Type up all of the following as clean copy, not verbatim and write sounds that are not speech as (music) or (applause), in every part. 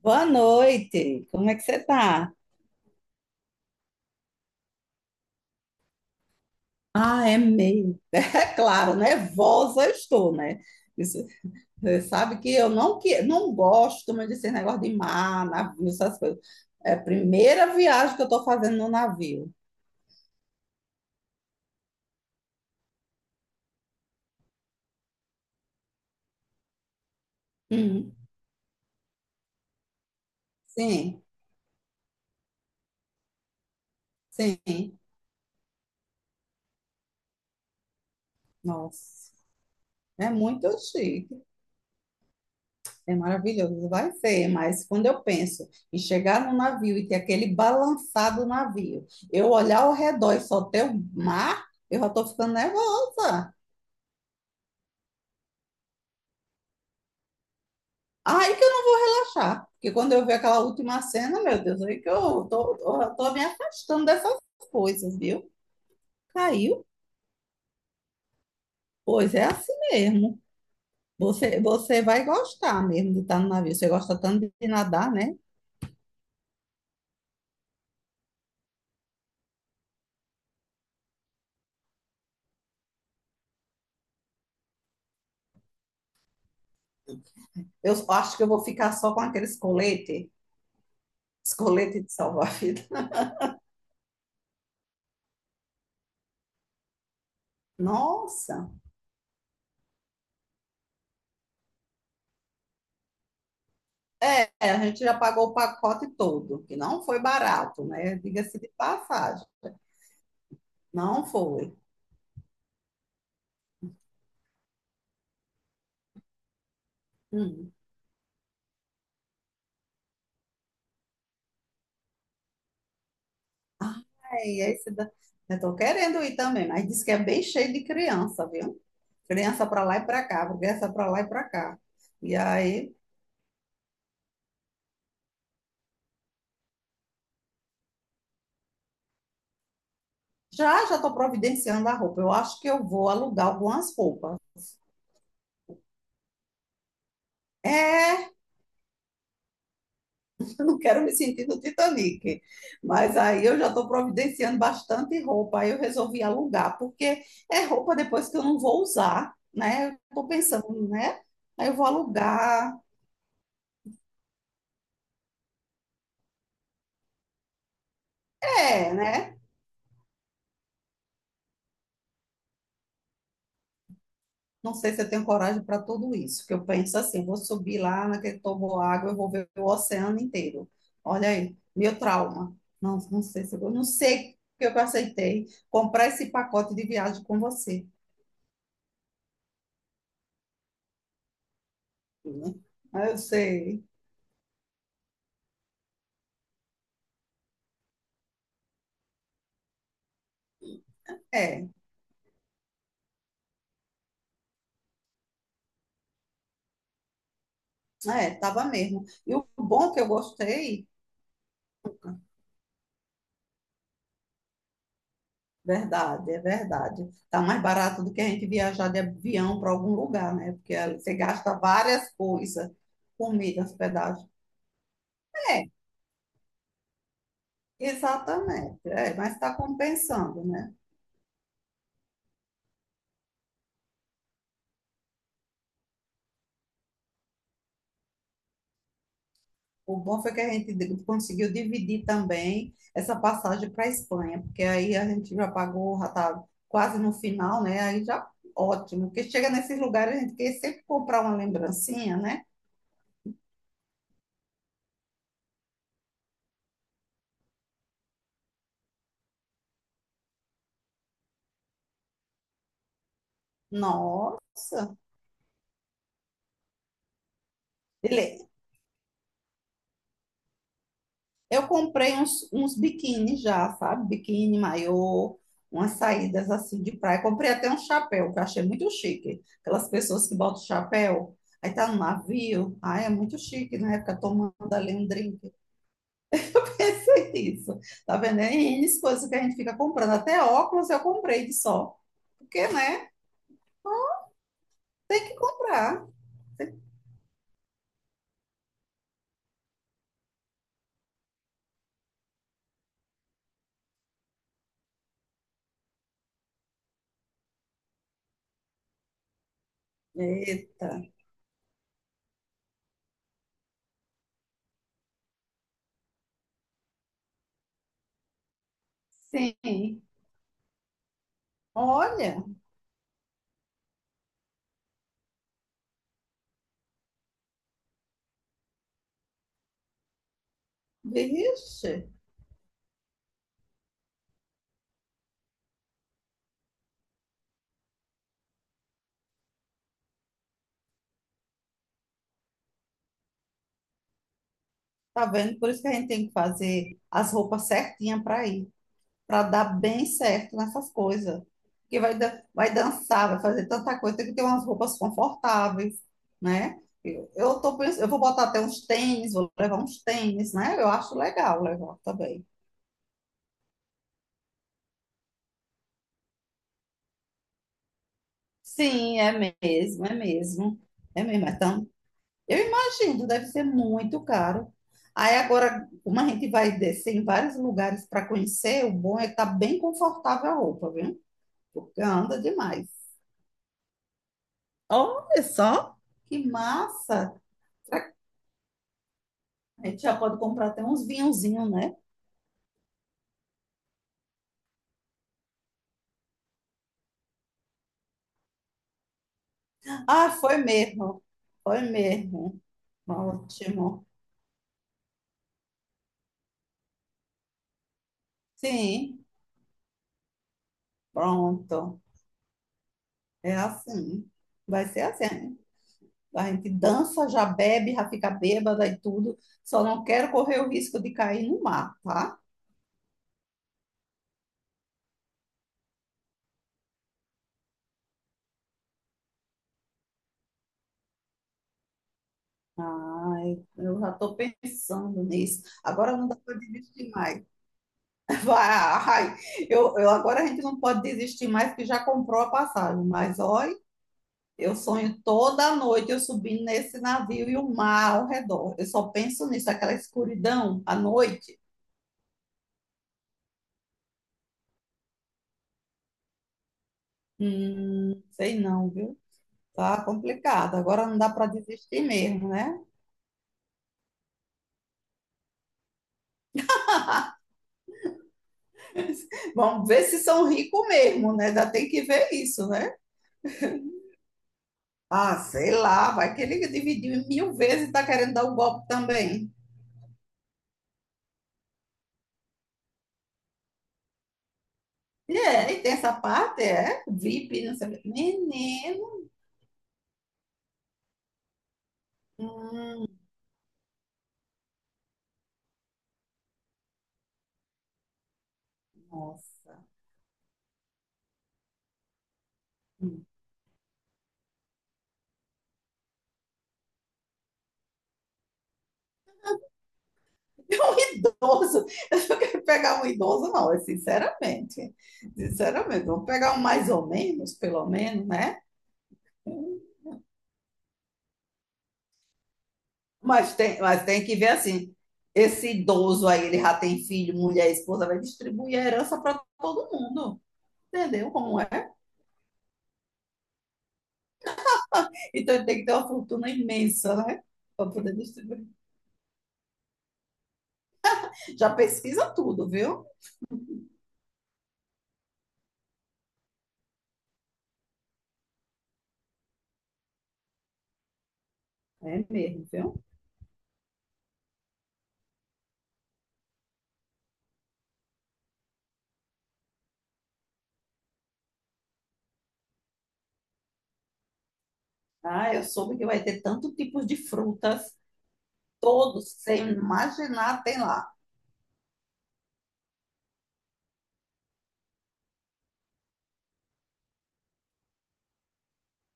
Boa noite, como é que você tá? Ah, é meio. (laughs) É claro, nervosa eu estou, né? Isso- Você sabe que eu não, que, não gosto muito desse negócio de mar, navio, essas coisas. É a primeira viagem que eu estou fazendo no navio. Hum, sim, sim. Nossa, é muito chique. É maravilhoso, vai ser, mas quando eu penso em chegar no navio e ter aquele balançado do navio, eu olhar ao redor e só ter o mar, eu já tô ficando nervosa. Aí que eu não vou achar, porque quando eu ver aquela última cena, meu Deus, aí que eu tô me afastando dessas coisas, viu? Caiu? Pois é assim mesmo. Você vai gostar mesmo de estar no navio. Você gosta tanto de nadar, né? Eu acho que eu vou ficar só com aqueles colete, esse colete de salvar a vida. Nossa! É, a gente já pagou o pacote todo, que não foi barato, né? Diga-se de passagem. Não foi. Hum. É, e esse da... Eu tô querendo ir também, mas diz que é bem cheio de criança, viu? Criança para lá e para cá, criança para lá e para cá. E aí, já já estou providenciando a roupa. Eu acho que eu vou alugar algumas roupas. É, não quero me sentir no Titanic. Mas aí eu já estou providenciando bastante roupa. Aí eu resolvi alugar, porque é roupa depois que eu não vou usar, né? Eu estou pensando, né? Aí eu vou alugar. É, né? Não sei se eu tenho coragem para tudo isso, que eu penso assim, vou subir lá naquele água eu vou ver o oceano inteiro. Olha aí, meu trauma. Não, não sei se eu vou, não sei porque eu aceitei comprar esse pacote de viagem com você. Né? Mas eu sei. É. É, tava mesmo. E o bom que eu gostei, verdade, é verdade. Tá mais barato do que a gente viajar de avião para algum lugar, né? Porque ali você gasta várias coisas, comida, hospedagem. É, exatamente. É, mas está compensando, né? O bom foi que a gente di- conseguiu dividir também essa passagem para a Espanha, porque aí a gente já pagou, já tá quase no final, né? Aí já ótimo. Porque chega nesses lugares a gente quer sempre comprar uma lembrancinha, né? Nossa. Ele- Eu comprei uns biquíni já, sabe? Biquíni, maiô, umas saídas assim de praia. Comprei até um chapéu, que eu achei muito chique. Aquelas pessoas que botam chapéu, aí tá no navio. Ah, é muito chique, né? Fica tomando ali um drink. (laughs) Eu pensei nisso. Tá vendo? É N coisas que a gente fica comprando. Até óculos eu comprei de sol. Porque, né? Comprar. Eita. Sim. Olha, vixe. Tá vendo? Por isso que a gente tem que fazer as roupas certinhas para ir, para dar bem certo nessas coisas. Porque vai, dan- vai dançar, vai fazer tanta coisa, tem que ter umas roupas confortáveis, né? Eu tô pensando, eu vou botar até uns tênis, vou levar uns tênis, né? Eu acho legal levar também. Sim, é mesmo, é mesmo. É mesmo, é tão... Eu imagino, deve ser muito caro. Aí agora, como a gente vai descer em vários lugares para conhecer, o bom é estar bem confortável a roupa, viu? Porque anda demais. Olha só, que massa! A gente já pode comprar até uns vinhozinhos, né? Ah, foi mesmo. Foi mesmo. Ótimo. Sim, pronto. É assim. Vai ser assim. A gente dança, já bebe, já fica bêbada e tudo. Só não quero correr o risco de cair no mar, tá? Ai, eu já tô pensando nisso. Agora não dá para desistir mais. (laughs) Vai, eu agora a gente não pode desistir mais, porque já comprou a passagem. Mas olha. Eu sonho toda noite eu subindo nesse navio e o mar ao redor. Eu só penso nisso, aquela escuridão à noite. Sei não, viu? Tá complicado. Agora não dá para desistir mesmo, né? Vamos ver se são ricos mesmo, né? Já tem que ver isso, né? Ah, sei lá, vai que ele dividiu em 1.000 vezes e tá querendo dar o golpe também. E é, e tem essa parte, é? VIP, não sei o quê. Menino. Hum, nossa. Hum. (laughs) Um idoso, eu não quero pegar um idoso, não, é sinceramente. Sinceramente, vamos pegar um mais ou menos, pelo menos, né? Mas tem que ver assim, esse idoso aí, ele já tem filho, mulher, esposa, vai distribuir a herança para todo mundo, entendeu como é? Então ele tem que ter uma fortuna imensa, né? Para poder distribuir. Já pesquisa tudo, viu? É mesmo, viu? Ah, eu soube que vai ter tanto tipos de frutas, todos, sem imaginar, tem lá.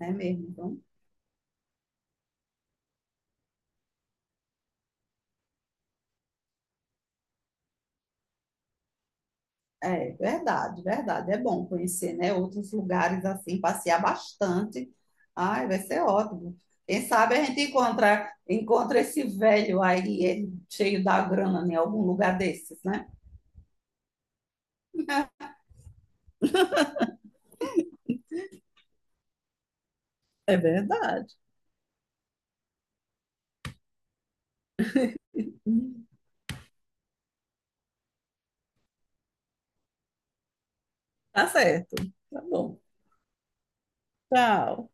É mesmo, então. É verdade, verdade. É bom conhecer, né, outros lugares assim, passear bastante. Ai, vai ser ótimo. Quem sabe a gente encontra esse velho aí, ele cheio da grana, em algum lugar desses, né? É verdade. Tá certo. Tá bom. Tchau.